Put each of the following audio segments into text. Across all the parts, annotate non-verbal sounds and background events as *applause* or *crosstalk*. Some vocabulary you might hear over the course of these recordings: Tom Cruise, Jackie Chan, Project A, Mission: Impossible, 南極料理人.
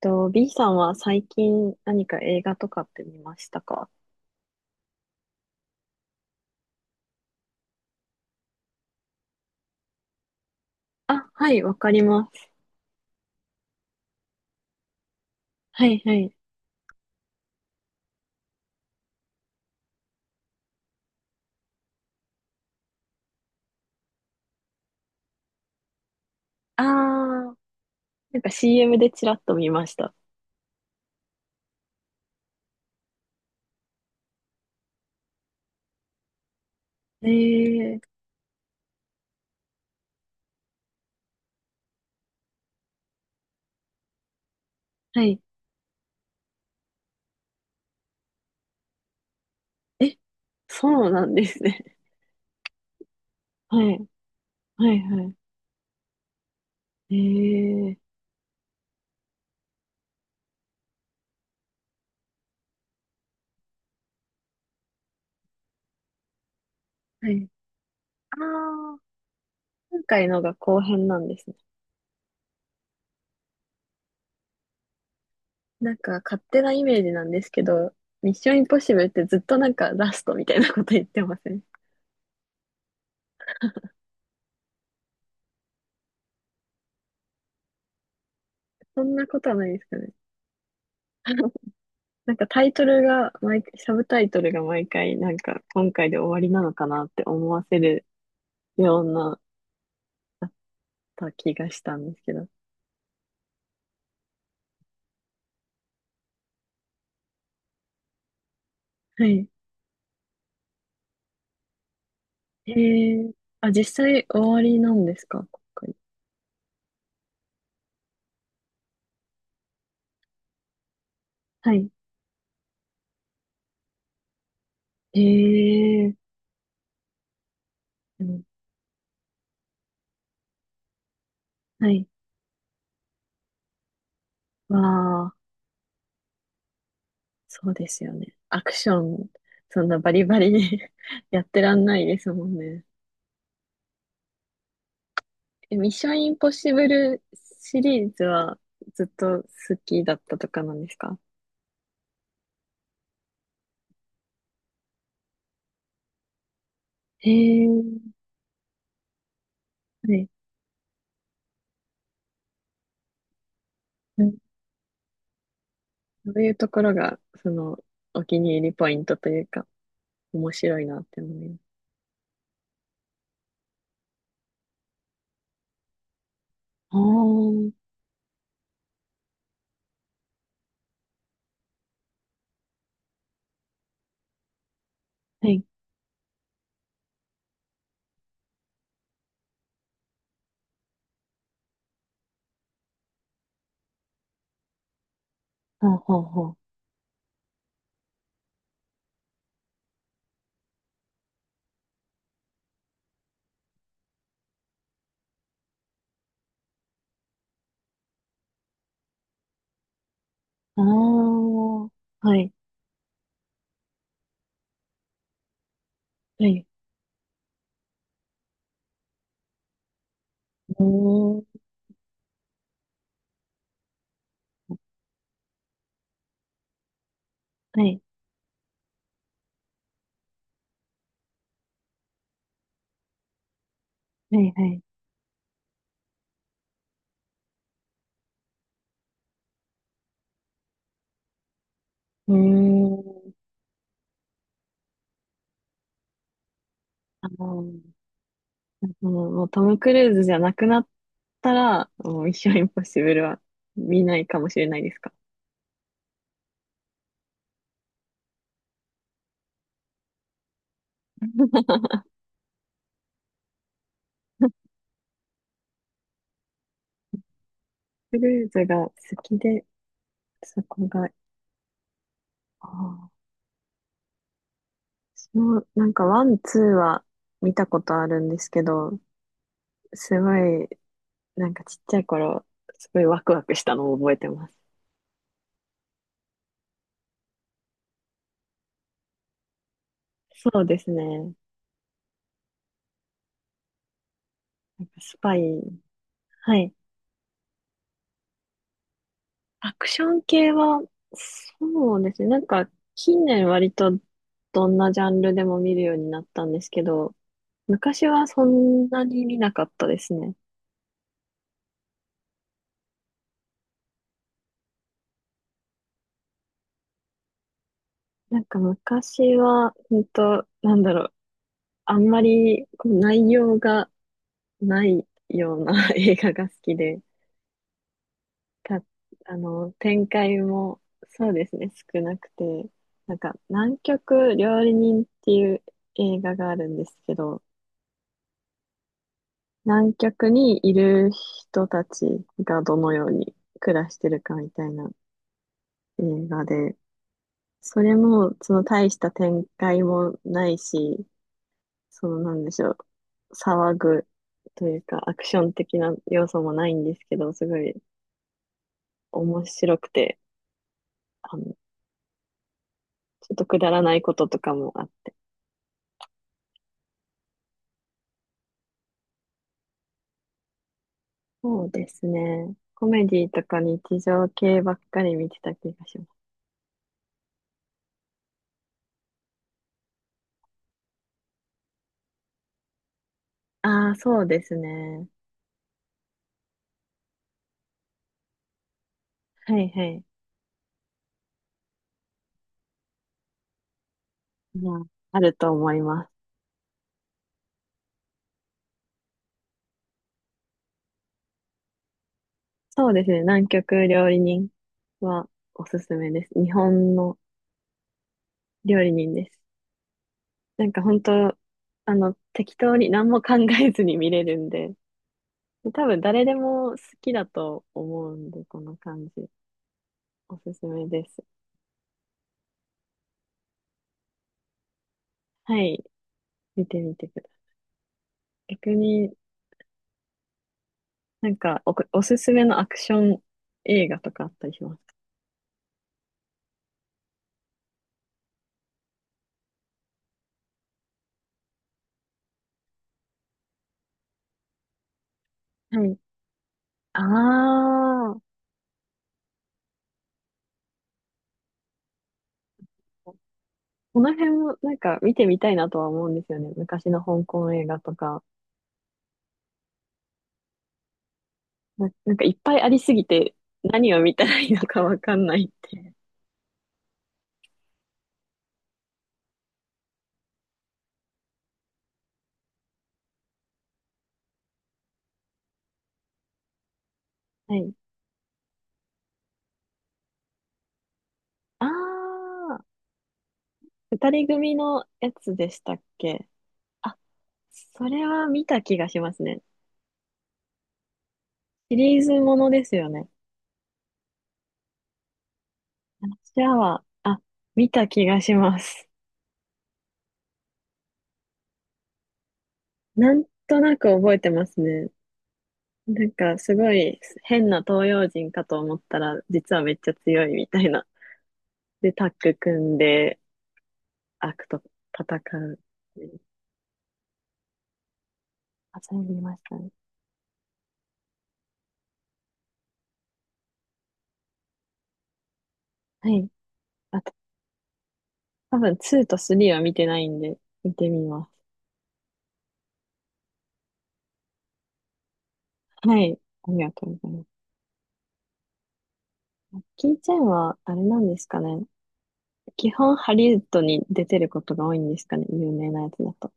と、B さんは最近何か映画とかって見ましたか？あ、はい、わかります。はいはい。あー、なんか CM でちらっと見ました。えー、はい。え、そうなんですね。*laughs* はい、はいはい。えー、はい。あー、今回のが後編なんですね。なんか勝手なイメージなんですけど、ミッションインポッシブルってずっとなんかラストみたいなこと言ってません？そんなことはないですかね。なんかタイトルがサブタイトルが毎回、なんか今回で終わりなのかなって思わせるような気がしたんですけど。はい。へえ。あ、実際終わりなんですか今回？はい。へえ。うん、はい。わあ、そうですよね。アクション、そんなバリバリに *laughs* やってらんないですもんね。え、ミッションインポッシブルシリーズはずっと好きだったとかなんですか？へえ。はい。そういうところが、その、お気に入りポイントというか、面白いなって思います。ああ、はい。はあ、はあ、はあ。ああ、はい、はい。うーん、はい、はい、はい。うーん。あの、もうトム・クルーズじゃなくなったら、もうミッション・インポッシブルは見ないかもしれないですか？クルーズが好きで、そこが、ああ、私もなんかワン、ツーは見たことあるんですけど、すごい、なんかちっちゃい頃、すごいワクワクしたのを覚えてます。そうですね。なんかスパイ。はい。アクション系は、そうですね。なんか、近年割とどんなジャンルでも見るようになったんですけど、昔はそんなに見なかったですね。なんか昔は、本当なんだろう、あんまりこう内容がないような *laughs* 映画が好きで、か、あの、展開も、そうですね、少なくて、なんか、南極料理人っていう映画があるんですけど、南極にいる人たちがどのように暮らしてるかみたいな映画で、それも、その大した展開もないし、その、なんでしょう、騒ぐというか、アクション的な要素もないんですけど、すごい面白くて、あの、ちょっとくだらないこととかもあって、そうですね。コメディとか日常系ばっかり見てた気がします。ああ、そうですね。はいはい。まあ、あると思います。そうですね。南極料理人はおすすめです。日本の料理人です。なんか本当、あの、適当に何も考えずに見れるんで、多分誰でも好きだと思うんで、この感じ。おすすめです。はい。見てみてください。逆に、なんかおすすめのアクション映画とかあったりします？かはい。ああ、この辺もなんか見てみたいなとは思うんですよね。昔の香港映画とか。なんかいっぱいありすぎて何を見たらいいのかわかんないって。はい。ああ、二人組のやつでしたっけ？あ、それは見た気がしますね。シリーズものですよね。私は、あ、見た気がします。なんとなく覚えてますね。なんかすごい変な東洋人かと思ったら、実はめっちゃ強いみたいな。で、タッグ組んで悪と戦う。あ、それ見ましたね。はい。あと、多分2と3は見てないんで、見てみます。はい。ありがとうございます。キーチェンは、あれなんですかね。基本ハリウッドに出てることが多いんですかね。有名なやつだと。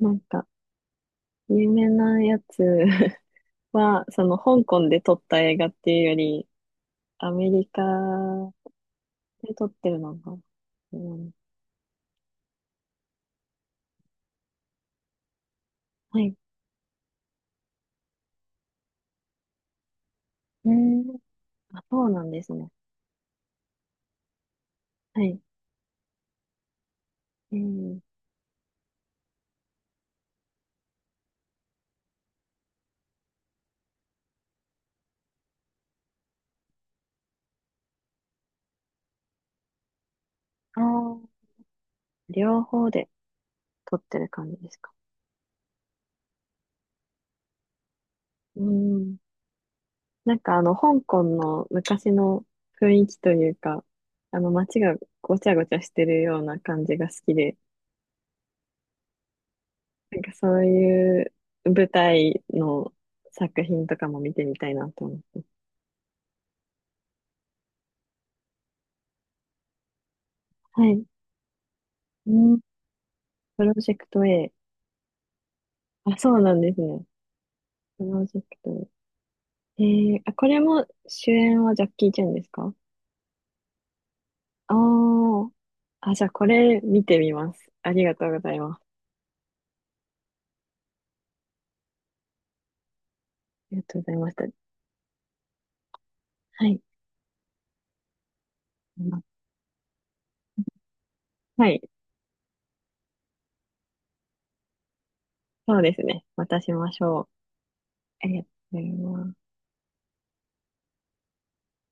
なんか、有名なやつ *laughs* は、その香港で撮った映画っていうより、アメリカで、撮ってるのが。うん、はい。うん。あ、そうなんですね。はい。えー、あー、両方で撮ってる感じですか？うん。なんかあの、香港の昔の雰囲気というか、あの、街がごちゃごちゃしてるような感じが好きで、なんかそういう舞台の作品とかも見てみたいなと思って。はい。うん。プロジェクト A。あ、そうなんですね。プロジェクト A。えー、あ、これも主演はジャッキー・チェンですか？ああー。あ、じゃあこれ見てみます。ありがとうございます。ありがとうございました。はい。まはい。そうですね。またしましょう。ありがとうございます。